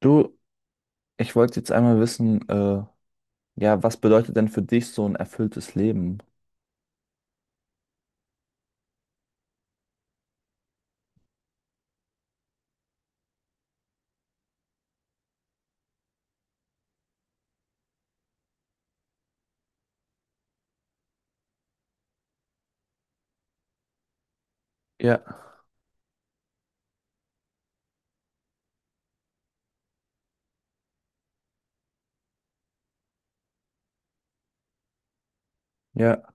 Du, ich wollte jetzt einmal wissen, ja, was bedeutet denn für dich so ein erfülltes Leben? Ja, ja,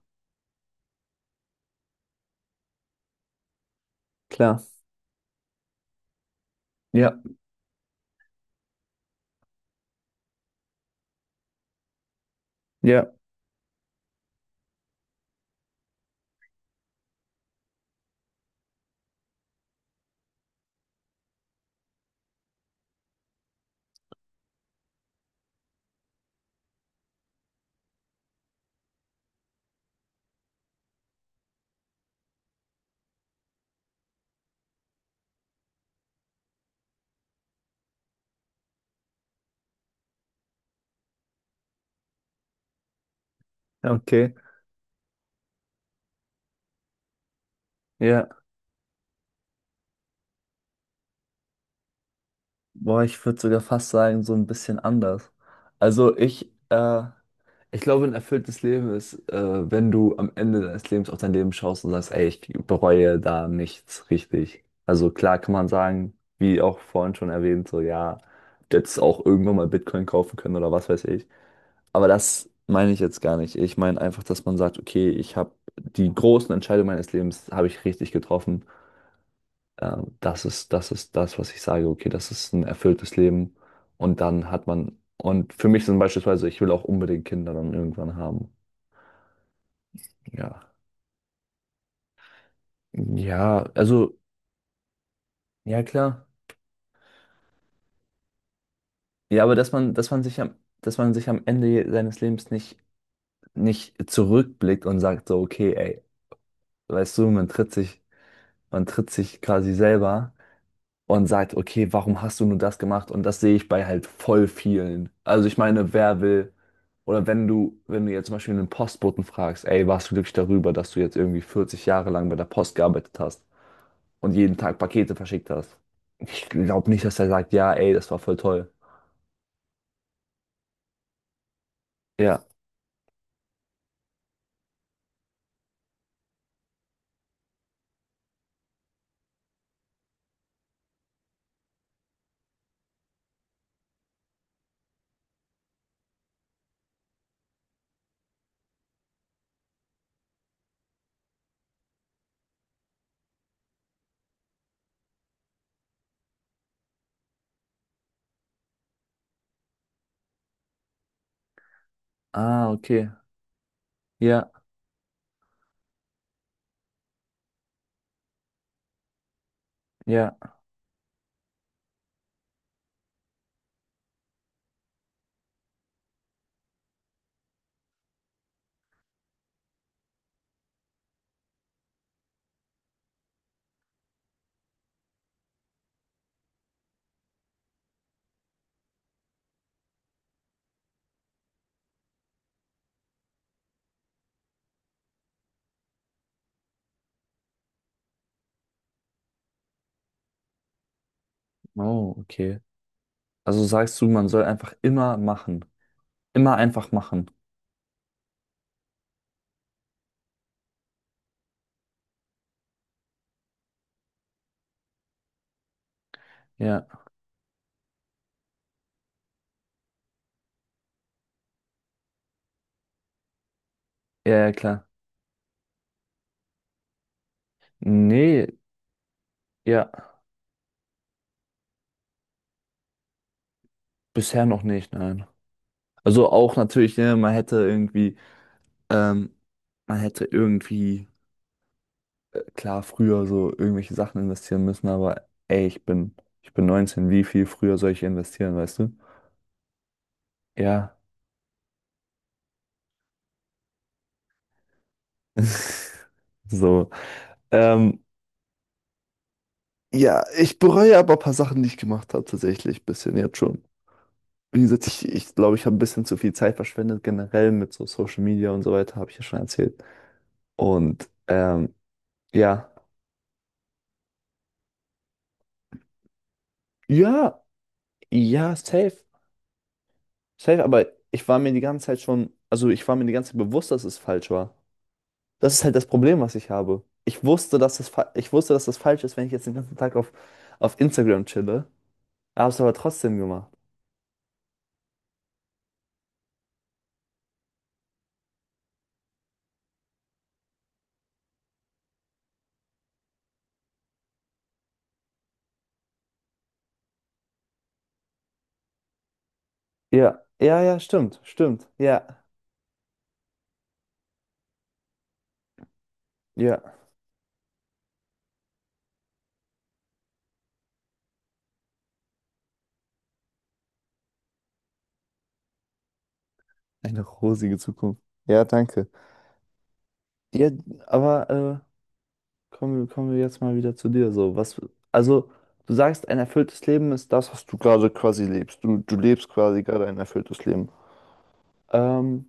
klar. Ja, ja, okay, ja. Boah, ich würde sogar fast sagen, so ein bisschen anders. Also ich ich glaube, ein erfülltes Leben ist, wenn du am Ende deines Lebens auf dein Leben schaust und sagst, ey, ich bereue da nichts richtig. Also klar kann man sagen, wie auch vorhin schon erwähnt, so ja, jetzt auch irgendwann mal Bitcoin kaufen können oder was weiß ich. Aber das meine ich jetzt gar nicht. Ich meine einfach, dass man sagt, okay, ich habe die großen Entscheidungen meines Lebens habe ich richtig getroffen. Das ist das, was ich sage. Okay, das ist ein erfülltes Leben. Und dann hat man, und für mich sind beispielsweise, ich will auch unbedingt Kinder dann irgendwann haben. Ja. Ja, also, ja klar. Ja, aber dass man sich am, dass man sich am Ende seines Lebens nicht, nicht zurückblickt und sagt so, okay, ey, weißt du, man tritt sich quasi selber und sagt, okay, warum hast du nur das gemacht? Und das sehe ich bei halt voll vielen. Also ich meine, wer will, oder wenn du jetzt zum Beispiel einen Postboten fragst, ey, warst du glücklich darüber, dass du jetzt irgendwie 40 Jahre lang bei der Post gearbeitet hast und jeden Tag Pakete verschickt hast? Ich glaube nicht, dass er sagt, ja, ey, das war voll toll. Ja. Ah, okay. Ja, ja. Oh, okay. Also sagst du, man soll einfach immer machen. Immer einfach machen. Ja, ja, ja, klar. Nee, ja, bisher noch nicht, nein. Also auch natürlich, ne, ähm, man hätte irgendwie, klar, früher so irgendwelche Sachen investieren müssen, aber ey, ich bin 19, wie viel früher soll ich investieren, weißt du? Ja. So. Ähm, ja, ich bereue aber ein paar Sachen, die ich gemacht habe, tatsächlich ein bisschen jetzt schon. Wie gesagt, ich glaube, ich habe ein bisschen zu viel Zeit verschwendet, generell mit so Social Media und so weiter, habe ich ja schon erzählt. Und ja. Ja, ja, safe. Safe, aber ich war mir die ganze Zeit schon, also ich war mir die ganze Zeit bewusst, dass es falsch war. Das ist halt das Problem, was ich habe. Ich wusste, ich wusste, dass das falsch ist, wenn ich jetzt den ganzen Tag auf Instagram chille. Hab's aber trotzdem gemacht. Ja, ja, ja, stimmt. Ja, ja. Eine rosige Zukunft. Ja, danke. Ja, aber kommen wir jetzt mal wieder zu dir. So, was, also, du sagst, ein erfülltes Leben ist das, was du gerade quasi lebst. Du lebst quasi gerade ein erfülltes Leben. Ähm,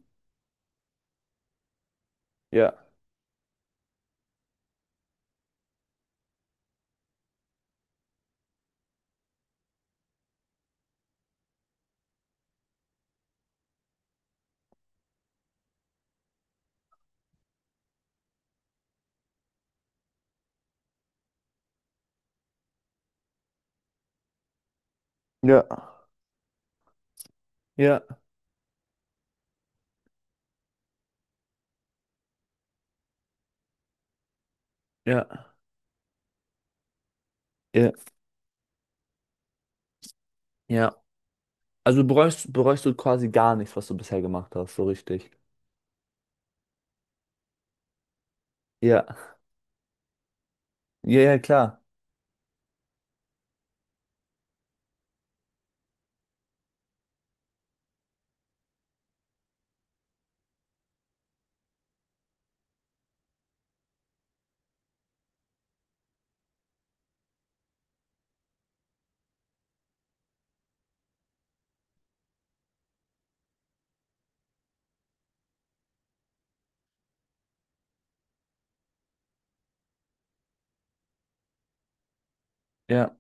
ja. Ja, ja, ja, ja, ja. Also bereust du quasi gar nichts, was du bisher gemacht hast, so richtig. Ja, ja, ja, klar. Ja,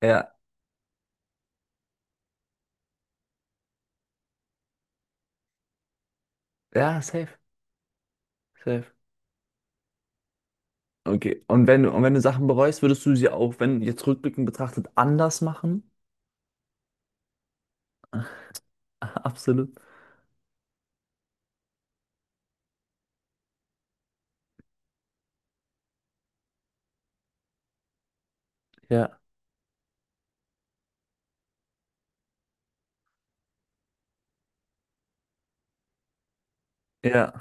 ja, ja, safe. Okay. Und wenn du Sachen bereust, würdest du sie auch, wenn jetzt rückblickend betrachtet, anders machen? Absolut. Ja, ja,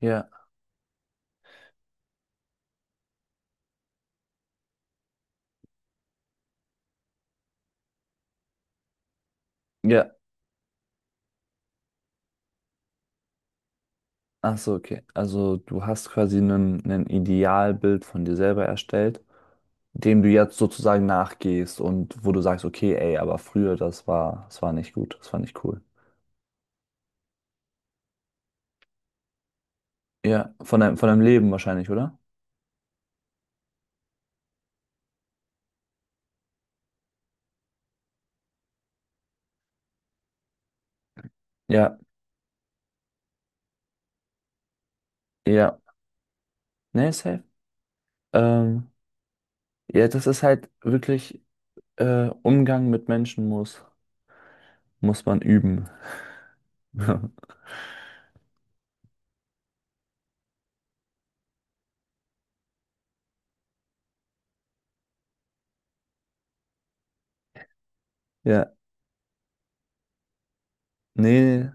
ja, ja. Ach so, okay. Also du hast quasi ein Idealbild von dir selber erstellt, dem du jetzt sozusagen nachgehst und wo du sagst, okay, ey, aber früher, das war nicht gut, das war nicht cool. Ja, von deinem Leben wahrscheinlich, oder? Ja, ja. Nee, safe. Ähm, ja, das ist halt wirklich, Umgang mit Menschen muss, muss man üben. Ja, nee,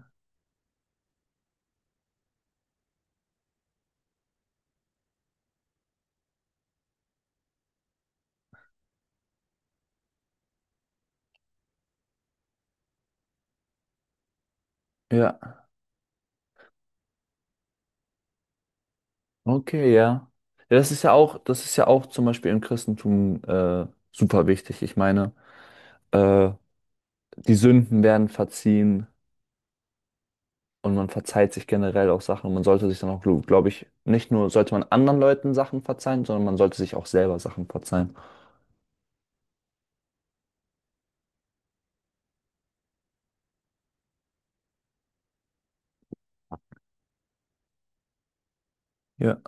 ja, okay, ja. Ja, das ist ja auch, das ist ja auch zum Beispiel im Christentum super wichtig. Ich meine, äh, die Sünden werden verziehen, und man verzeiht sich generell auch Sachen. Und man sollte sich dann auch, glaube ich, nicht nur sollte man anderen Leuten Sachen verzeihen, sondern man sollte sich auch selber Sachen verzeihen. Ja,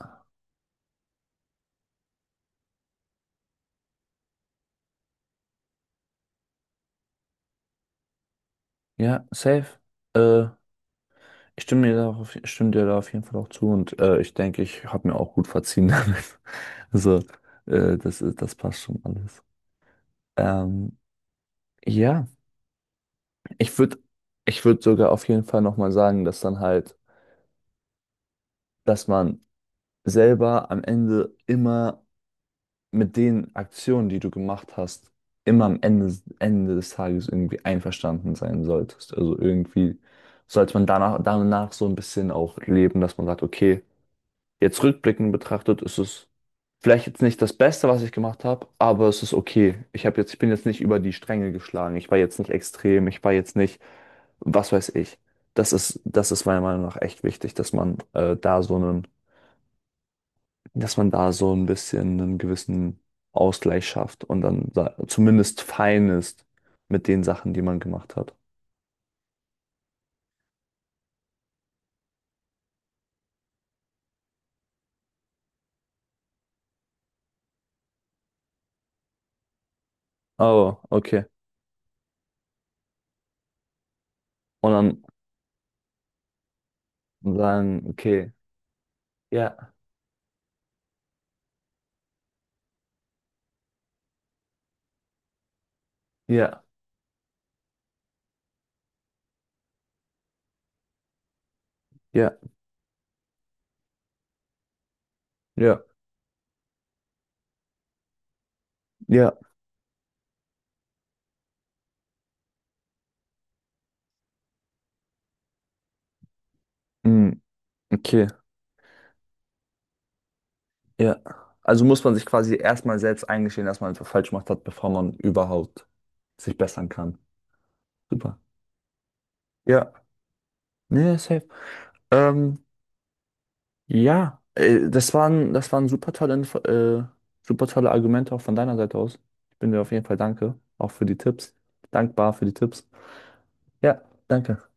ja, safe. Äh, ich stimme dir da auf, ich stimme dir da auf jeden Fall auch zu und ich denke, ich habe mir auch gut verziehen damit. Also, das ist, das passt schon alles. Ähm, ja, ich würde, ich würde sogar auf jeden Fall nochmal sagen, dass dann halt, dass man selber am Ende immer mit den Aktionen, die du gemacht hast, immer am Ende, Ende des Tages irgendwie einverstanden sein solltest. Also irgendwie sollte man danach so ein bisschen auch leben, dass man sagt, okay, jetzt rückblickend betrachtet, ist es vielleicht jetzt nicht das Beste, was ich gemacht habe, aber es ist okay. Ich habe jetzt, ich bin jetzt nicht über die Stränge geschlagen. Ich war jetzt nicht extrem. Ich war jetzt nicht, was weiß ich. Das ist meiner Meinung nach echt wichtig, dass man da so einen, dass man da so ein bisschen einen gewissen Ausgleich schafft und dann zumindest fein ist mit den Sachen, die man gemacht hat. Oh, okay. Und dann sagen, okay, ja, ja, ja, ja, ja, mm, okay, ja. Also muss man sich quasi erstmal selbst eingestehen, dass man etwas falsch gemacht hat, bevor man überhaupt sich bessern kann. Super. Ja, nee, safe. Ähm, Ja, das waren super tolle, super tolle Argumente auch von deiner Seite aus. Ich bin dir auf jeden Fall danke, auch für die Tipps. Dankbar für die Tipps. Ja, danke.